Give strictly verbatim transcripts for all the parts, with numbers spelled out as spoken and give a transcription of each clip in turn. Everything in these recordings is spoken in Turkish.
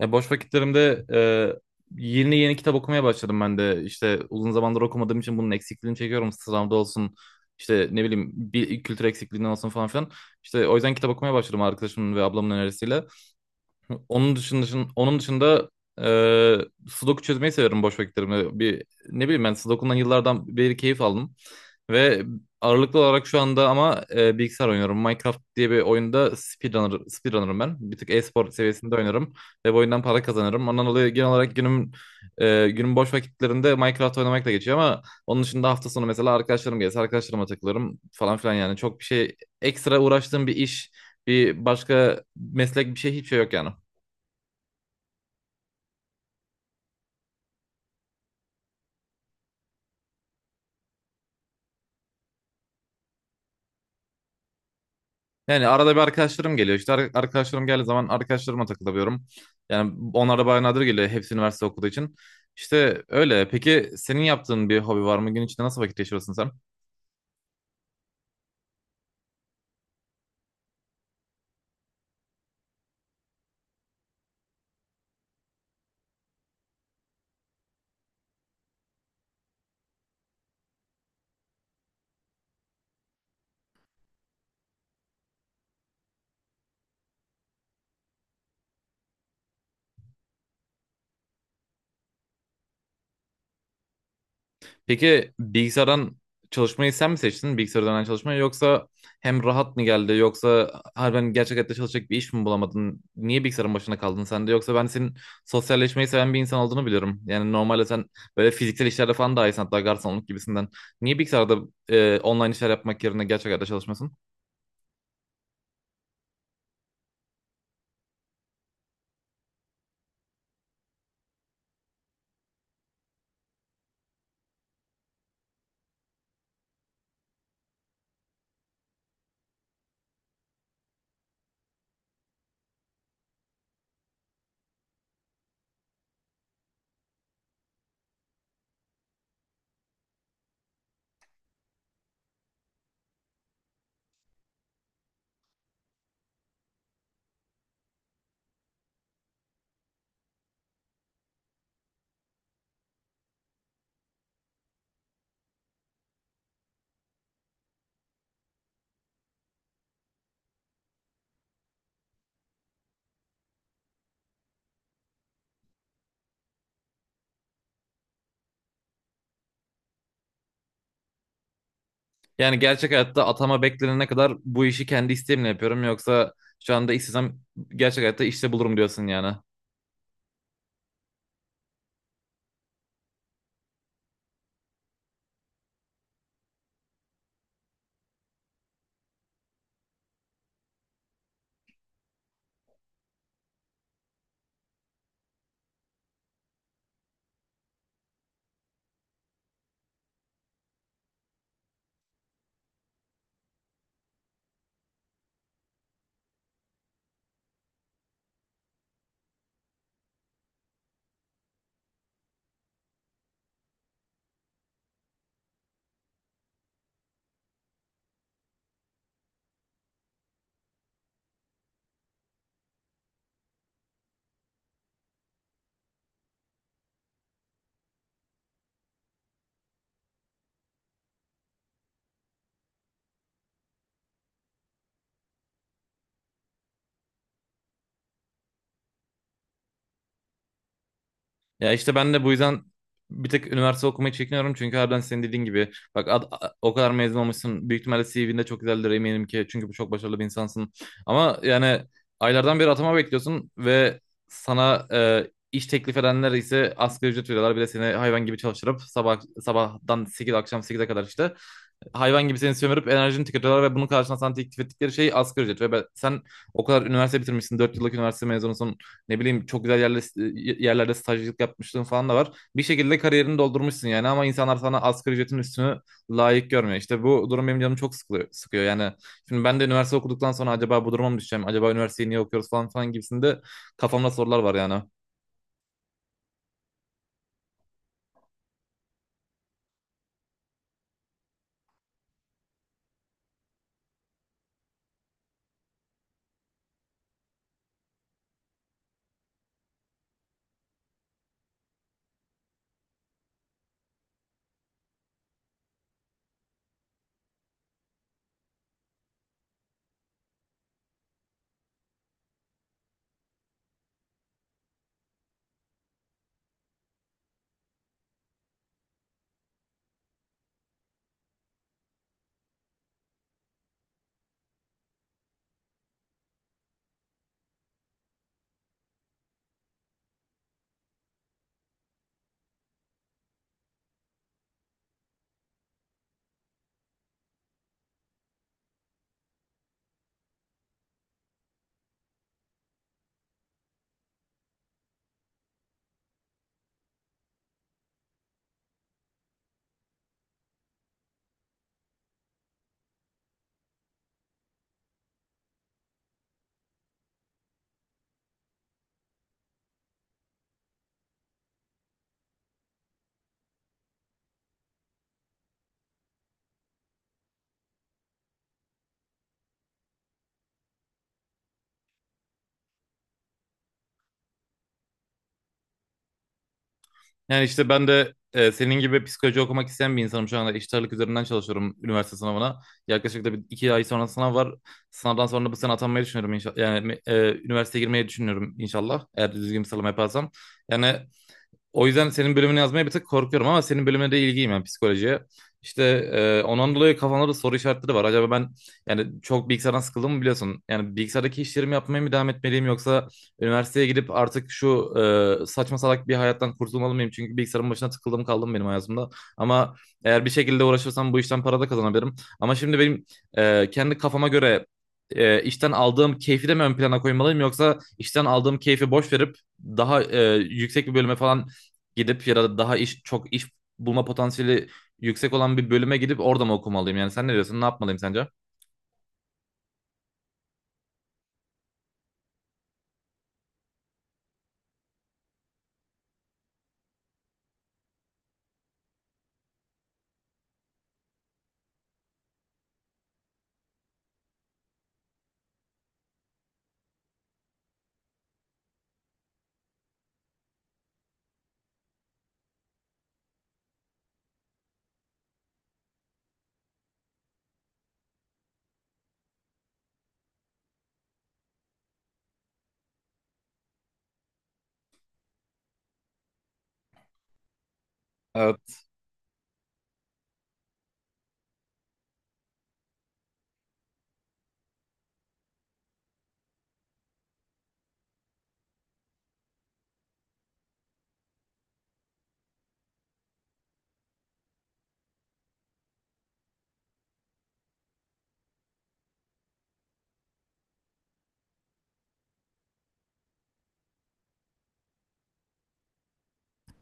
Ya boş vakitlerimde e, yeni yeni kitap okumaya başladım ben de. İşte uzun zamandır okumadığım için bunun eksikliğini çekiyorum. Sıramda olsun işte ne bileyim bir kültür eksikliğinden olsun falan filan. İşte o yüzden kitap okumaya başladım arkadaşımın ve ablamın önerisiyle. Onun dışında, dışın- onun dışında eee sudoku çözmeyi severim boş vakitlerimde. Bir, ne bileyim ben sudokundan yıllardan beri keyif aldım. Ve ağırlıklı olarak şu anda ama eee, bilgisayar oynuyorum. Minecraft diye bir oyunda speedrunner, speedrunner'ım ben. Bir tık e-spor seviyesinde oynarım ve bu oyundan para kazanırım. Ondan dolayı genel olarak günüm eee günüm boş vakitlerinde Minecraft oynamakla geçiyor ama onun dışında hafta sonu mesela arkadaşlarım gelse arkadaşlarıma takılırım falan filan yani çok bir şey ekstra uğraştığım bir iş, bir başka meslek bir şey hiçbir şey yok yani. Yani arada bir arkadaşlarım geliyor. İşte ar- arkadaşlarım geldiği zaman arkadaşlarıma takılıyorum. Yani onlar da bayağı nadir geliyor. Hepsi üniversite okuduğu için. İşte öyle. Peki senin yaptığın bir hobi var mı? Gün içinde nasıl vakit geçiriyorsun sen? Peki bilgisayardan çalışmayı sen mi seçtin? Bilgisayar üzerinden çalışmayı yoksa hem rahat mı geldi yoksa harbiden gerçek hayatta çalışacak bir iş mi bulamadın? Niye bilgisayarın başına kaldın sen de? Yoksa ben senin sosyalleşmeyi seven bir insan olduğunu biliyorum. Yani normalde sen böyle fiziksel işlerde falan daha iyisin hatta garsonluk gibisinden. Niye bilgisayarda e, online işler yapmak yerine gerçek hayatta çalışmasın? Yani gerçek hayatta atama beklenene kadar bu işi kendi isteğimle yapıyorum yoksa şu anda istesem gerçek hayatta işte bulurum diyorsun yani. Ya işte ben de bu yüzden bir tek üniversite okumayı çekiniyorum. Çünkü harbiden senin dediğin gibi bak ad- a- o kadar mezun olmuşsun. Büyük ihtimalle C V'nde çok güzeldir eminim ki. Çünkü bu çok başarılı bir insansın. Ama yani aylardan beri atama bekliyorsun ve sana e, iş teklif edenler ise asgari ücret veriyorlar. Bir de seni hayvan gibi çalıştırıp sabah sabahtan sekiz akşam sekize kadar işte hayvan gibi seni sömürüp enerjini tüketiyorlar ve bunun karşılığında sana teklif ettikleri şey asgari ücret. Ve ben- sen o kadar üniversite bitirmişsin, dört yıllık üniversite mezunusun, ne bileyim çok güzel yerlerde, yerlerde stajyerlik yapmışlığın falan da var. Bir şekilde kariyerini doldurmuşsun yani ama insanlar sana asgari ücretin üstünü layık görmüyor. İşte bu durum benim canımı çok sıkılıyor, sıkıyor yani. Şimdi ben de üniversite okuduktan sonra acaba bu duruma mı düşeceğim, acaba üniversiteyi niye okuyoruz falan falan gibisinde kafamda sorular var yani. Yani işte ben de e, senin gibi psikoloji okumak isteyen bir insanım. Şu anda eşit ağırlık üzerinden çalışıyorum üniversite sınavına. Yaklaşık da bir iki ay sonra sınav var. Sınavdan sonra da bu sene atanmayı düşünüyorum inşallah. Yani e, üniversiteye girmeyi düşünüyorum inşallah. Eğer düzgün bir sınav yaparsam. Yani o yüzden senin bölümünü yazmaya bir tık korkuyorum ama senin bölümüne de ilgiyim yani psikolojiye. İşte e, ondan dolayı kafamda da soru işaretleri var. Acaba ben yani çok bilgisayardan sıkıldım mı biliyorsun? Yani bilgisayardaki işlerimi yapmaya mı devam etmeliyim yoksa üniversiteye gidip artık şu e, saçma salak bir hayattan kurtulmalı mıyım? Çünkü bilgisayarın başına tıkıldım kaldım benim hayatımda. Ama eğer bir şekilde uğraşırsam bu işten para da kazanabilirim. Ama şimdi benim e, kendi kafama göre e, işten aldığım keyfi de mi ön plana koymalıyım yoksa işten aldığım keyfi boş verip daha e, yüksek bir bölüme falan gidip ya da daha iş çok iş bulma potansiyeli yüksek olan bir bölüme gidip orada mı okumalıyım? Yani sen ne diyorsun? Ne yapmalıyım sence? Evet.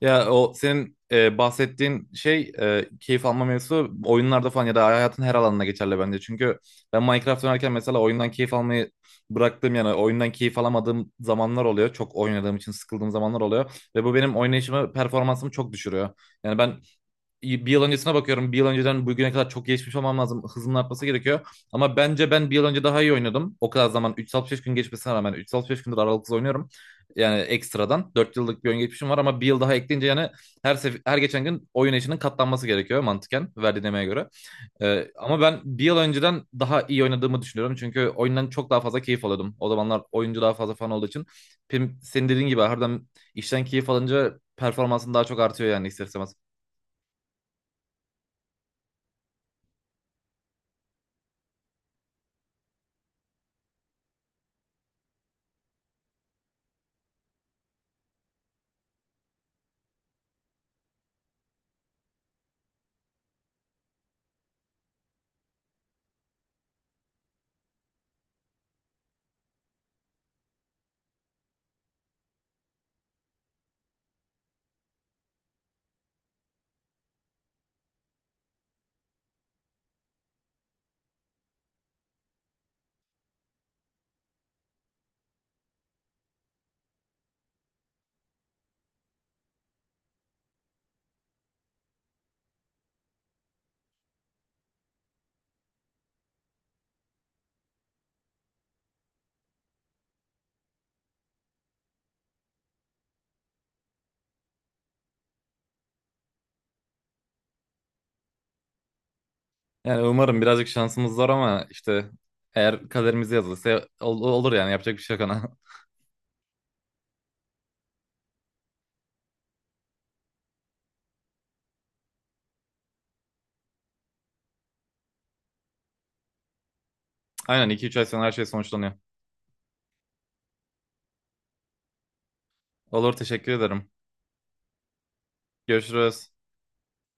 Ya o senin e, bahsettiğin şey e, keyif alma mevzusu oyunlarda falan ya da hayatın her alanına geçerli bence. Çünkü ben Minecraft oynarken mesela oyundan keyif almayı bıraktığım yani oyundan keyif alamadığım zamanlar oluyor. Çok oynadığım için sıkıldığım zamanlar oluyor. Ve bu benim oynayışımı, performansımı çok düşürüyor. Yani ben bir yıl öncesine bakıyorum. Bir yıl önceden bugüne kadar çok gelişmiş olmam lazım. Hızımın artması gerekiyor. Ama bence ben bir yıl önce daha iyi oynadım. O kadar zaman üç yüz altmış beş gün geçmesine rağmen üç yüz altmış beş gündür aralıksız oynuyorum. Yani ekstradan dört yıllık bir oyun geçmişim var ama bir yıl daha ekleyince yani her sef- her geçen gün oyun eşinin katlanması gerekiyor mantıken verdiğin emeğe göre. Ee, ama ben bir yıl önceden daha iyi oynadığımı düşünüyorum. Çünkü oyundan çok daha fazla keyif alıyordum. O zamanlar oyuncu daha fazla fan olduğu için. Pim- Senin dediğin gibi harbiden işten keyif alınca performansın daha çok artıyor yani ister istemez. Yani umarım birazcık şansımız var ama işte eğer kaderimize yazılırsa ol- olur yani yapacak bir şey yok ona. Aynen iki üç ay sonra her şey sonuçlanıyor. Olur teşekkür ederim. Görüşürüz.